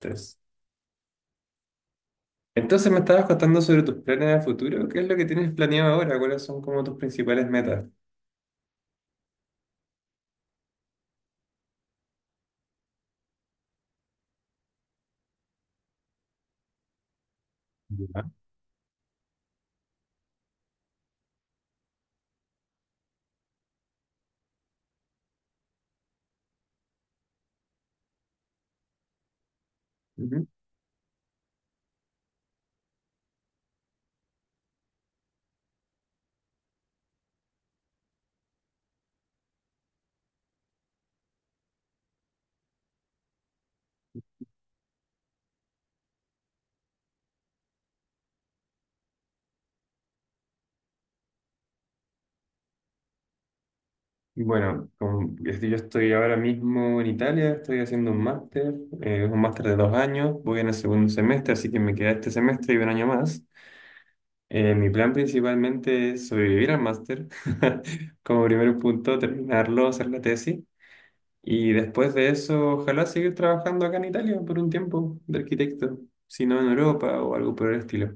Entonces, entonces, me estabas contando sobre tus planes a futuro. ¿Qué es lo que tienes planeado ahora? ¿Cuáles son como tus principales metas? Ya. Ujú. Bueno, como- es que yo estoy ahora mismo en Italia, estoy haciendo un máster, es un máster de 2 años, voy en el segundo semestre, así que me queda este semestre y un año más. Mi plan principalmente es sobrevivir al máster, como primer punto, terminarlo, hacer la tesis, y después de eso, ojalá seguir trabajando acá en Italia por un tiempo de arquitecto, si no en Europa o algo por el estilo.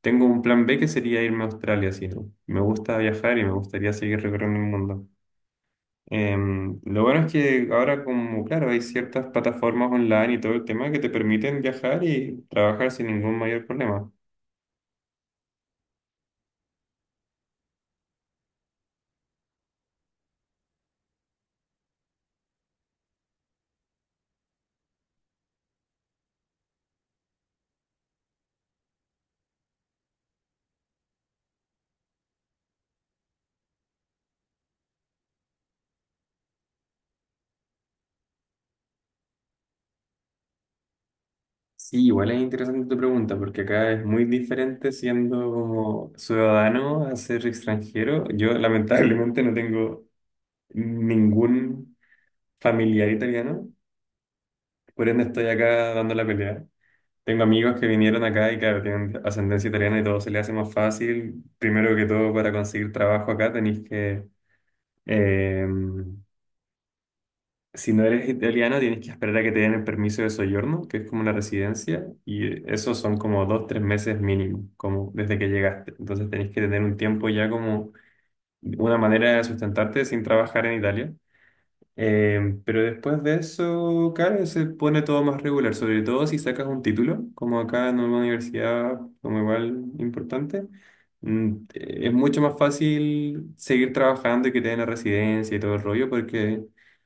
Tengo un plan B que sería irme a Australia, sí. ¿No? Me gusta viajar y me gustaría seguir recorriendo el mundo. Lo bueno es que ahora como, claro, hay ciertas plataformas online y todo el tema que te permiten viajar y trabajar sin ningún mayor problema. Sí, igual es interesante tu pregunta, porque acá es muy diferente siendo como ciudadano a ser extranjero. Yo lamentablemente no tengo ningún familiar italiano, por ende estoy acá dando la pelea. Tengo amigos que vinieron acá y claro, tienen ascendencia italiana y todo se les hace más fácil. Primero que todo, para conseguir trabajo acá tenés que, eh, si no eres italiano, tienes que esperar a que te den el permiso de soyorno, que es como una residencia, y eso son como dos, tres meses mínimo, como desde que llegaste. Entonces tenés que tener un tiempo ya como una manera de sustentarte sin trabajar en Italia. Pero después de eso, claro, se pone todo más regular, sobre todo si sacas un título, como acá en una universidad, como igual importante, es mucho más fácil seguir trabajando y que te den la residencia y todo el rollo, porque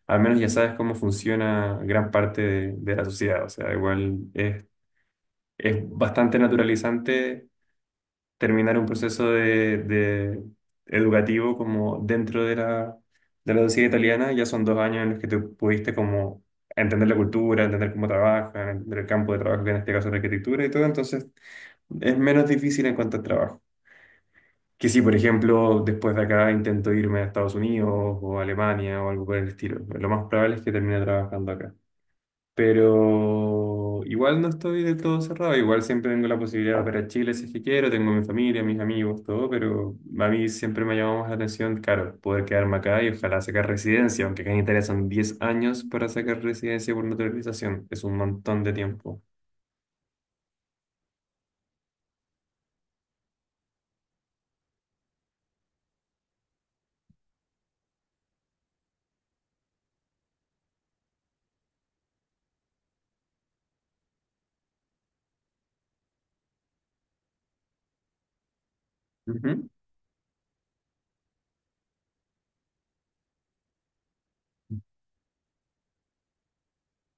al menos ya sabes cómo funciona gran parte de la sociedad, o sea, igual es bastante naturalizante terminar un proceso de educativo como dentro de la sociedad italiana, ya son 2 años en los que tú pudiste como entender la cultura, entender cómo trabajan, entender el campo de trabajo, que en este caso es la arquitectura y todo, entonces es menos difícil en cuanto al trabajo. Que si, por ejemplo, después de acá intento irme a Estados Unidos o a Alemania o algo por el estilo, lo más probable es que termine trabajando acá. Pero igual no estoy del todo cerrado, igual siempre tengo la posibilidad de operar a Chile si es que quiero, tengo mi familia, mis amigos, todo, pero a mí siempre me ha llamado más la atención, claro, poder quedarme acá y ojalá sacar residencia, aunque acá en Italia son 10 años para sacar residencia por naturalización, es un montón de tiempo. Ujú,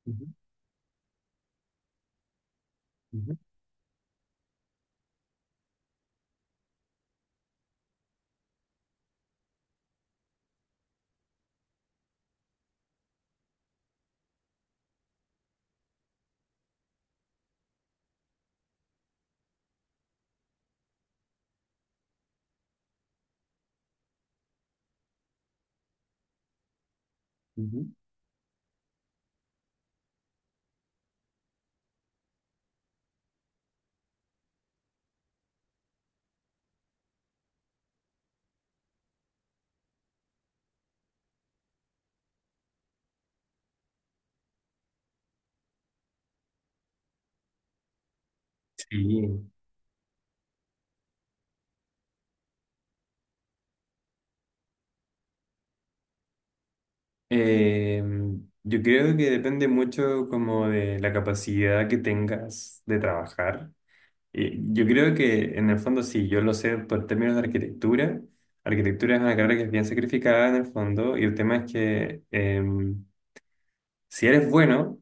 ujú, ujú, ujú. Sí. Eh, yo creo que depende mucho como de la capacidad que tengas de trabajar. Yo creo que en el fondo sí, yo lo sé por términos de arquitectura. Arquitectura es una carrera que es bien sacrificada en el fondo y el tema es que si eres bueno,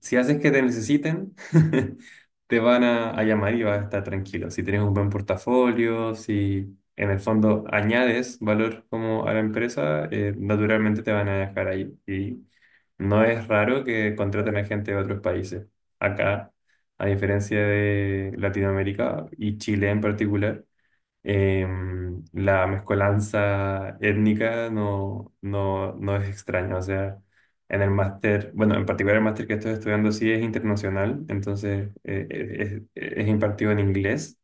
si haces que te necesiten, te van a llamar y vas a estar tranquilo. Si tienes un buen portafolio, si en el fondo añades valor como a la empresa, naturalmente te van a dejar ahí. Y no es raro que contraten a gente de otros países. Acá, a diferencia de Latinoamérica y Chile en particular, la mezcolanza étnica no es extraña. O sea, en el máster, bueno, en particular el máster que estoy estudiando sí es internacional, entonces es impartido en inglés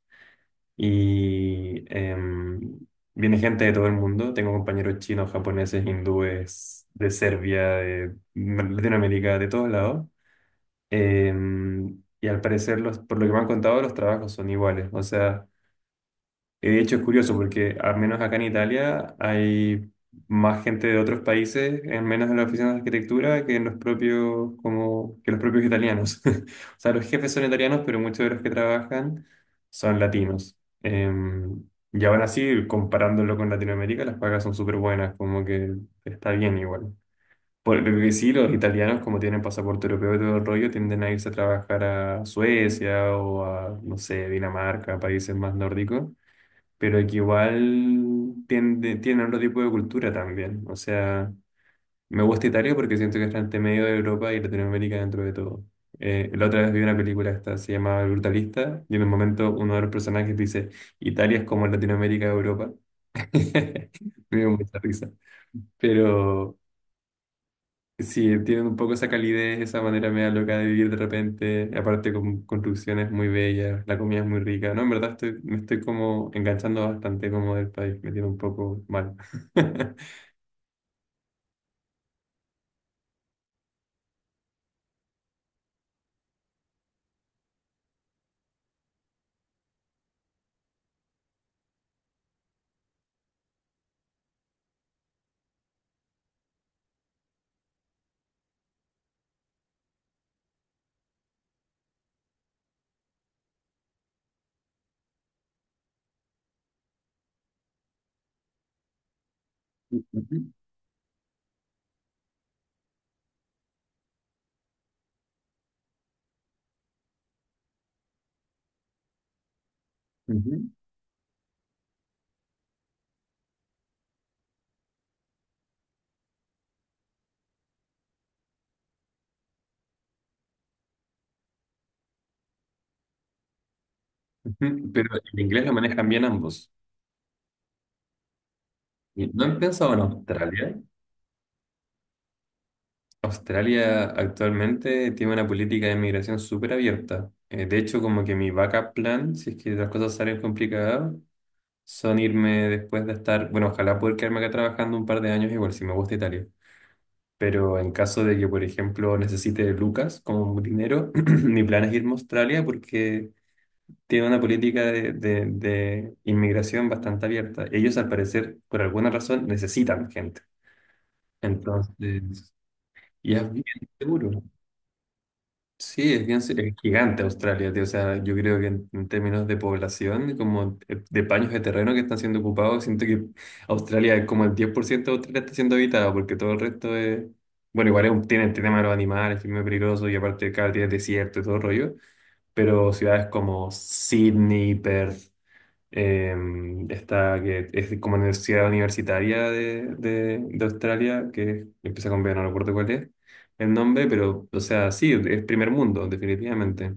y viene gente de todo el mundo. Tengo compañeros chinos, japoneses, hindúes, de Serbia, de Latinoamérica, de todos lados. Y al parecer, los, por lo que me han contado, los trabajos son iguales. O sea, y de hecho es curioso porque al menos acá en Italia hay más gente de otros países, en menos en la oficinas de arquitectura, que en los propios, como, que los propios italianos. O sea, los jefes son italianos, pero muchos de los que trabajan son latinos. Y aún así, comparándolo con Latinoamérica, las pagas son súper buenas, como que está bien igual. Porque sí, los italianos, como tienen pasaporte europeo y todo el rollo, tienden a irse a trabajar a Suecia o a, no sé, Dinamarca, países más nórdicos pero que igual tiende, tiene otro tipo de cultura también. O sea, me gusta Italia porque siento que está entre medio de Europa y Latinoamérica dentro de todo. La otra vez vi una película esta, se llama El Brutalista, y en un momento uno de los personajes dice, Italia es como Latinoamérica de Europa. Me dio mucha risa. Pero sí, tienen un poco esa calidez, esa manera media loca de vivir de repente, y aparte con construcciones muy bellas, la comida es muy rica, ¿no? En verdad estoy, me estoy como enganchando bastante como del país, me tiene un poco mal. Ujú, ujú, ujú. Pero el inglés lo manejan bien ambos. Y ¿no han pensado en Australia? Australia actualmente tiene una política de inmigración súper abierta. De hecho, como que mi backup plan, si es que las cosas salen complicadas, son irme después de estar, bueno, ojalá poder quedarme acá trabajando un par de años igual, si me gusta Italia. Pero en caso de que, por ejemplo, necesite lucas como dinero, mi plan es irme a Australia porque tiene una política de inmigración bastante abierta. Ellos, al parecer, por alguna razón, necesitan gente. Entonces, y es bien seguro. Sí, es bien, es gigante Australia, tío. O sea, yo creo que en términos de población, como de paños de terreno que están siendo ocupados, siento que Australia, como el 10% de Australia está siendo habitado, porque todo el resto es. Bueno, igual es un- tiene el tema de los animales, que es muy peligroso, y aparte cada día es desierto y todo el rollo. Pero ciudades como Sydney, Perth. Esta que es como universidad universitaria de Australia, que empieza con B, no recuerdo cuál es el nombre, pero, o sea, sí, es primer mundo, definitivamente.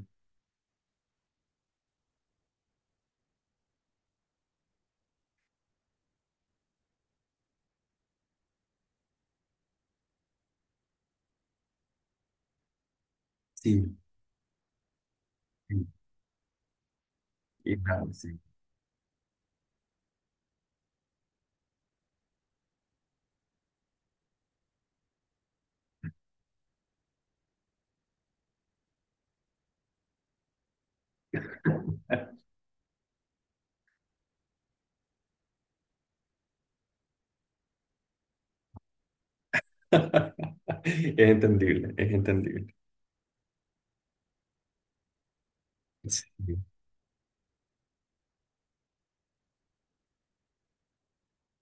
Sí. Sí, y claro, sí. Es entendible, es entendible. Sí.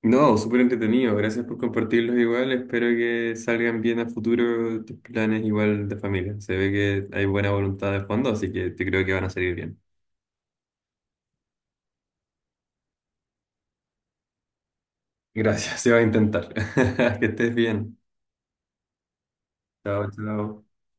No, súper entretenido. Gracias por compartirlos igual. Espero que salgan bien a futuro tus planes igual de familia. Se ve que hay buena voluntad de fondo, así que te creo que van a salir bien. Gracias, se va a intentar. Que estés bien. Chao, chao.